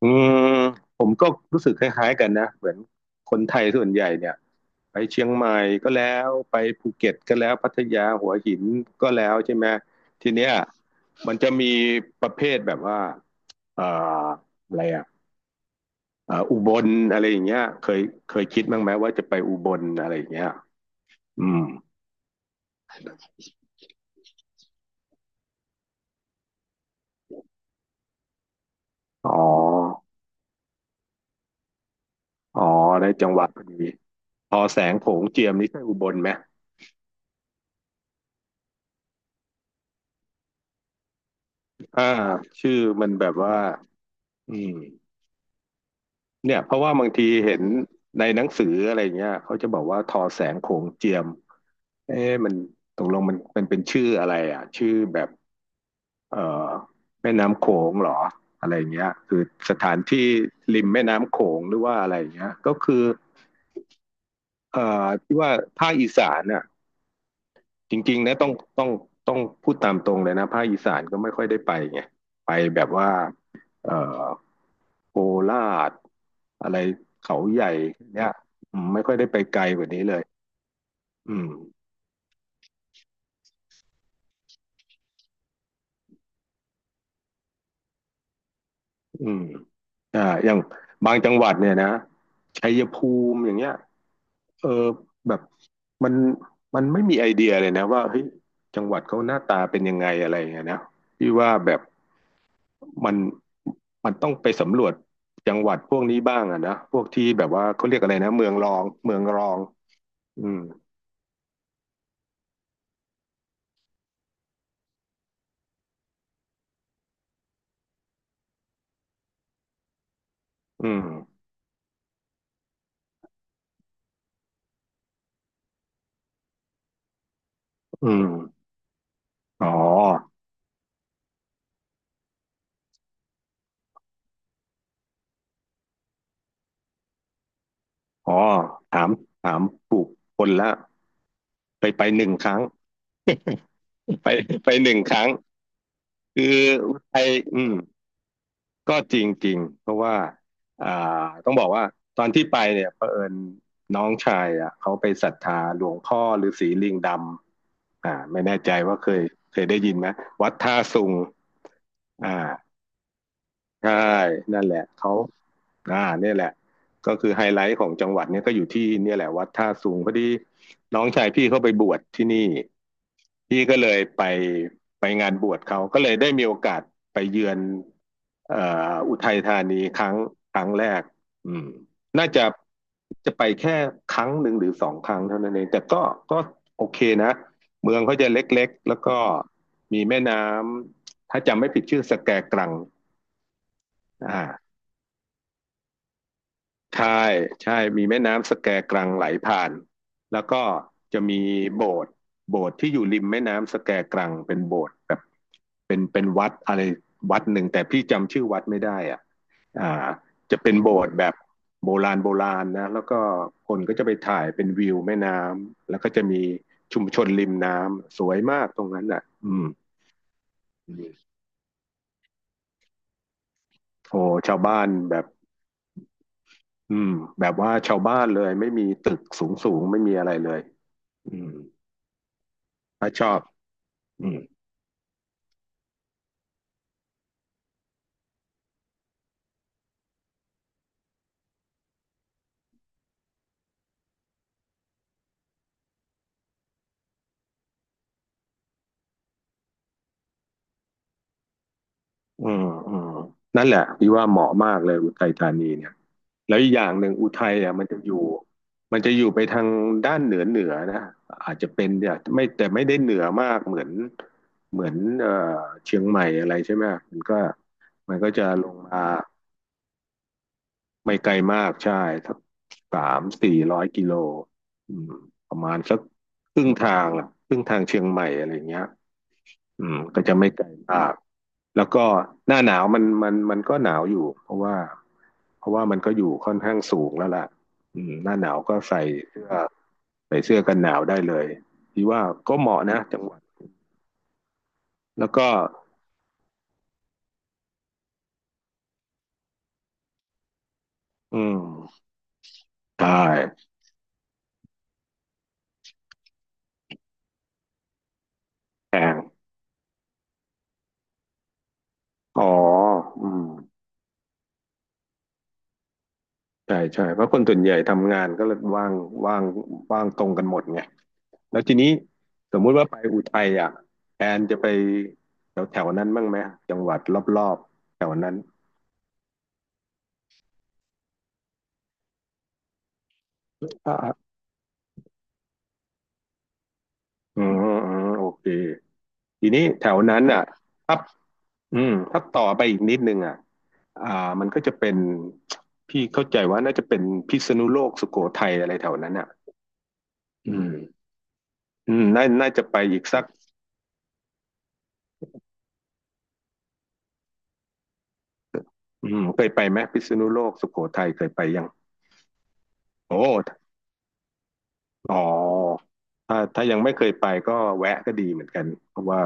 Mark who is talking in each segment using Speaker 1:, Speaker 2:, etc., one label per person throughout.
Speaker 1: อืมผมก็รู้สึกคล้ายๆกันนะเหมือนคนไทยส่วนใหญ่เนี่ยไปเชียงใหม่ก็แล้วไปภูเก็ตก็แล้วพัทยาหัวหินก็แล้วใช่ไหมทีเนี้ยมันจะมีประเภทแบบว่าเอ่ออะไรอ่ะอุบลอะไรอย่างเงี้ยเคยคิดบ้างไหมว่าจะไปอุบลอะไรอย่างเงี้ยอืมอ๋ออ๋อได้จังหวัดพอดีพอแสงโขงเจียมนี่ใช่อุบลไหมอ่าชื่อมันแบบว่าอืม เนี่ยเพราะว่าบางทีเห็นในหนังสืออะไรเงี้ยเขาจะบอกว่าทอแสงโขงเจียมเอ๊ะมันตกลงมันมันเป็นชื่ออะไรอ่ะชื่อแบบเอ่อแม่น้ำโขงเหรออะไรเงี้ยคือสถานที่ริมแม่น้ำโขงหรือว่าอะไรเงี้ยก็คือเอ่ที่ว่าภาคอีสานน่ะจริงๆนะต้องต้องพูดตามตรงเลยนะภาคอีสานก็ไม่ค่อยได้ไปไงไปแบบว่าเอ่อ โคราชอะไรเขาใหญ่เนี่ยไม่ค่อยได้ไปไกลกว่านี้เลยอืมอืมอย่างบางจังหวัดเนี่ยนะชัยภูมิอย่างเงี้ยเออแบบมันมันไม่มีไอเดียเลยนะว่าเฮ้ยจังหวัดเขาหน้าตาเป็นยังไงอะไรอย่างเงี้ยนะพี่ว่าแบบมันมันต้องไปสำรวจจังหวัดพวกนี้บ้างอะนะพวกที่แบบว่าเขาเรียกอะไรนะเมืองรองเมืองรองอืมอืมอืมอ๋อ อ๋อถามถามปลูกคนละไปหนึ่งครั้ง ไปไปหนึ่งครั้งคือไปอืมก็จริงจริงเพราะว่าอ่าต้องบอกว่าตอนที่ไปเนี่ยเผอิญน้องชายอ่ะเขาไปศรัทธาหลวงพ่อฤาษีลิงดำอ่าไม่แน่ใจว่าเคยได้ยินไหมวัดท่าสุงอ่า ใช่นั่นแหละเขาเนี่ยแหละก็คือไฮไลท์ของจังหวัดเนี่ยก็อยู่ที่เนี่ยแหละวัดท่าสูงพอดีน้องชายพี่เขาไปบวชที่นี่พี่ก็เลยไปงานบวชเขาก็เลยได้มีโอกาสไปเยือนเอ่ออุทัยธานีครั้งแรกอืมน่าจะไปแค่ครั้งหนึ่งหรือสองครั้งเท่านั้นเองแต่ก็โอเคนะเมืองเขาจะเล็กๆแล้วก็มีแม่น้ำถ้าจำไม่ผิดชื่อสแกกรังอ่า ใช่ใช่มีแม่น้ำสแกกรังไหลผ่านแล้วก็จะมีโบสถ์โบสถ์ที่อยู่ริมแม่น้ำสแกกรังเป็นโบสถ์แบบเป็นวัดอะไรวัดหนึ่งแต่พี่จำชื่อวัดไม่ได้อ่ะอ่าจะเป็นโบสถ์แบบโบราณโบราณนะแล้วก็คนก็จะไปถ่ายเป็นวิวแม่น้ำแล้วก็จะมีชุมชนริมน้ำสวยมากตรงนั้นอ่ะอืมโอ้ชาวบ้านแบบอืมแบบว่าชาวบ้านเลยไม่มีตึกสูงสูงไม่มีอะไรเลยอืม ถ้าชอบอืมอืมอืมนั่นแหละพี่ว่าเหมาะมากเลยอุทัยธานีเนี่ยแล้วอีกอย่างหนึ่งอุทัยอ่ะมันจะอยู่ไปทางด้านเหนือเหนือนะอาจจะเป็นเนี่ยไม่แต่ไม่ได้เหนือมากเหมือนเชียงใหม่อะไรใช่ไหมมันก็มันก็จะลงมา ไม่ไกลมาก ใช่สักสามสี่ร้อยกิโลอืมประมาณสักครึ่งทางล่ะครึ่งทางเชียงใหม่อะไรอย่างเงี้ยอืมก็จะไม่ไกลมาก แล้วก็หน้าหนาวมันก็หนาวอยู่เพราะว่ามันก็อยู่ค่อนข้างสูงแล้วล่ะหน้าหนาวก็ใส่เสื้อกันหนาวได้เลยที่ว่าก็เหมาะนะจังหวัดแล้วก็อืมใช่แพงอ๋ออืมใช่ใช่เพราะคนส่วนใหญ่ทำงานก็เลยว่างว่างตรงกันหมดไงแล้วทีนี้สมมุติว่าไปอุทัยอ่ะแอนจะไปแถวแถวนั้นบ้างไหมจังหวัดรอบๆแถวนั้นอ่าอืมอืมโอเค ทีนี้แถวนั้นอ่ะถ้าถ้าต่อไปอีกนิดนึงอ่ะอ่ามันก็จะเป็นพี่เข้าใจว่าน่าจะเป็นพิษณุโลกสุโขทัยอะไรแถวนั้นอ่ะอืมน่าจะไปอีกสักเคยไปไหมพิษณุโลกสุโขทัยเคยไปยังโอ้อ๋อถ้ายังไม่เคยไปก็แวะก็ดีเหมือนกันเพราะว่า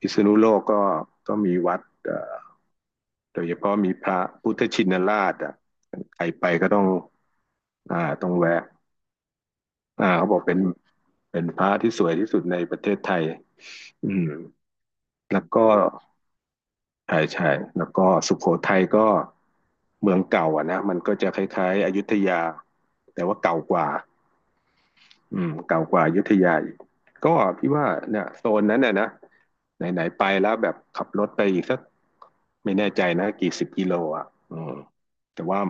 Speaker 1: พิษณุโลกก็มีวัดโดยเฉพาะมีพระพุทธชินราชอ่ะใครไปก็ต้องต้องแวะ เขาบอกเป็นพระที่สวยที่สุดในประเทศไทยอืมแล้วก็ใช่ใช่แล้วก็สุโขทัยก็เมืองเก่าอ่ะนะมันก็จะคล้ายๆอยุธยาแต่ว่าเก่ากว่าเก่ากว่าอยุธยาอีกก็พี่ว่าเนี่ยโซนนั้นน่ะนะไหนๆไปแล้วแบบขับรถไปอีกสักไม่แน่ใจนะกี่สิบกิโลอ่ะอืมแต่ว่า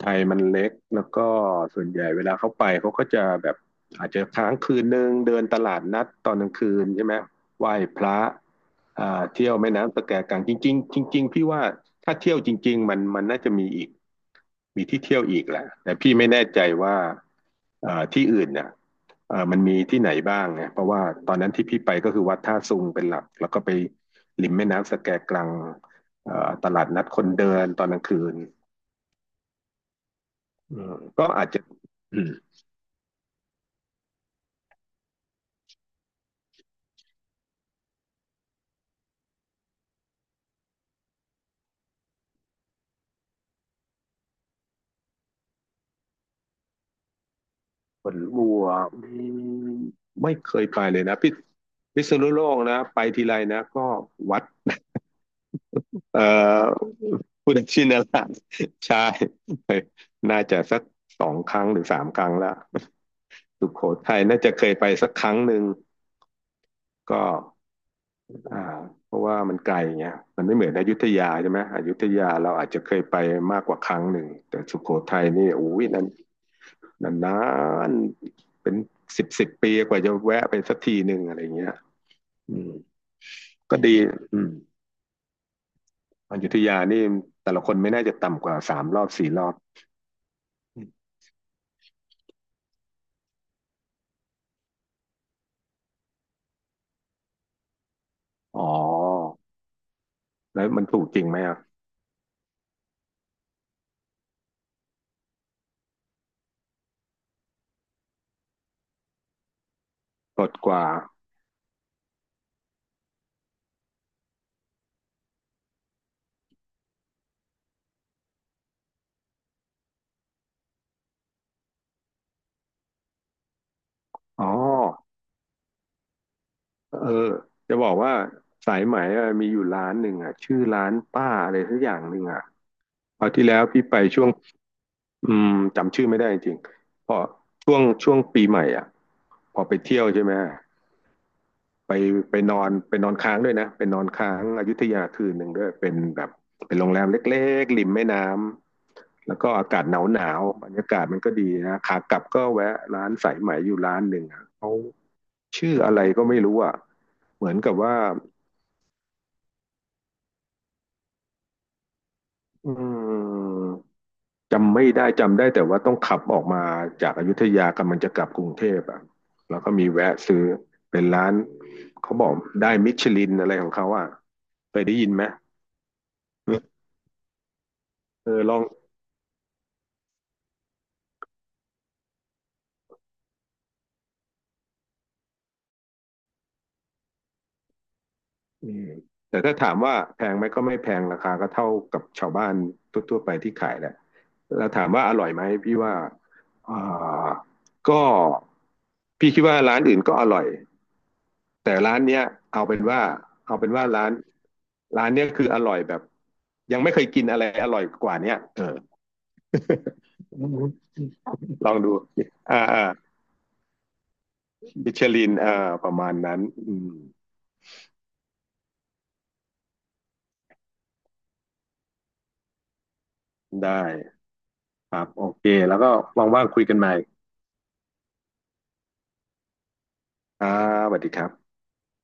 Speaker 1: ไทยมันเล็กแล้วก็ส่วนใหญ่เวลาเขาไปเขาก็จะแบบอาจจะค้างคืนนึงเดินตลาดนัดตอนกลางคืนใช่ไหมไหว้พระเที่ยวแม่น้ำสะแกกลางจริงๆจริงๆพี่ว่าถ้าเที่ยวจริงๆมันน่าจะมีอีกมีที่เที่ยวอีกแหละแต่พี่ไม่แน่ใจว่าที่อื่นเนี่ยมันมีที่ไหนบ้างเนี่ยเพราะว่าตอนนั้นที่พี่ไปก็คือวัดท่าซุงเป็นหลักแล้วก็ไปริมแม่น้ำสะแกกลางตลาดนัดคนเดินตอนกลางคืน อืมก็อาจจะอืมผลบัว อืมไม่เคยไปเลยนะพิษณุโลกนะไปทีไรนะก็วัดเอ่อพุทธชินราช ใช่น่าจะสักสองครั้งหรือสามครั้งละสุโขทัยน่าจะเคยไปสักครั้งหนึ่งก็อ่าเพราะว่ามันไกลเงี้ยมันไม่เหมือนอยุธยาใช่ไหมอยุธยาเราอาจจะเคยไปมากกว่าครั้งหนึ่งแต่สุโขทัยนี่โอ้ยนั้น นานๆเป็นสิบปีกว่าจะแวะไปสักทีหนึ่งอะไรเงี้ยก็ดีอืมอยุธยานี่แต่ละคนไม่น่าจะต่ำกว่าสามรอบสี่รอบอ๋อแล้วมันถูกจริงไหมอ่ะลดกว่าอ๋อเออจะบอกว่าสายไหมอะมีอยู่ร้านหนึ่งอ่ะชื่อร้านป้าอะไรสักอย่างหนึ่งอ่ะคราวที่แล้วพี่ไปช่วงอืมจำชื่อไม่ได้จริงพอช่วงปีใหม่อ่ะพอไปเที่ยวใช่ไหม ไปไปนอนค้างด้วยนะไปนอนค้างอยุธยาคืนหนึ่งด้วยเป็นแบบเป็นโรงแรมเล็กๆริมแม่น้ำแล้วก็อากาศหนาวบรรยากาศมันก็ดีนะขากลับก็แวะร้านสายไหมอยู่ร้านหนึ่งเขาชื่ออะไรก็ไม่รู้อ่ะเหมือนกับว่าอืมจำไม่ได้จำได้แต่ว่าต้องขับออกมาจากอยุธยากำลังจะกลับกรุงเทพอ่ะแล้วก็มีแวะซื้อเป็นร้านเขาบอกได้มิชลินอะไรของเขาอ่ะเคยได้ยินไหมเออลอง อืมแต่ถ้าถามว่าแพงไหมก็ไม่แพงราคาก็เท่ากับชาวบ้านทั่วๆไปที่ขายแหละแล้วถามว่าอร่อยไหมพี่ว่าอ่าก็พี่คิดว่าร้านอื่นก็อร่อยแต่ร้านเนี้ยเอาเป็นว่าเอาเป็นว่าร้านเนี้ยคืออร่อยแบบยังไม่เคยกินอะไรอร่อยกว่าเนี้ยเออลองดูอ่าอ่ามิชลินอ่าประมาณนั้นอืมได้ครับโอเคแล้วก็ว่างๆคุยกันใหม่อ่าสวัสดีครับ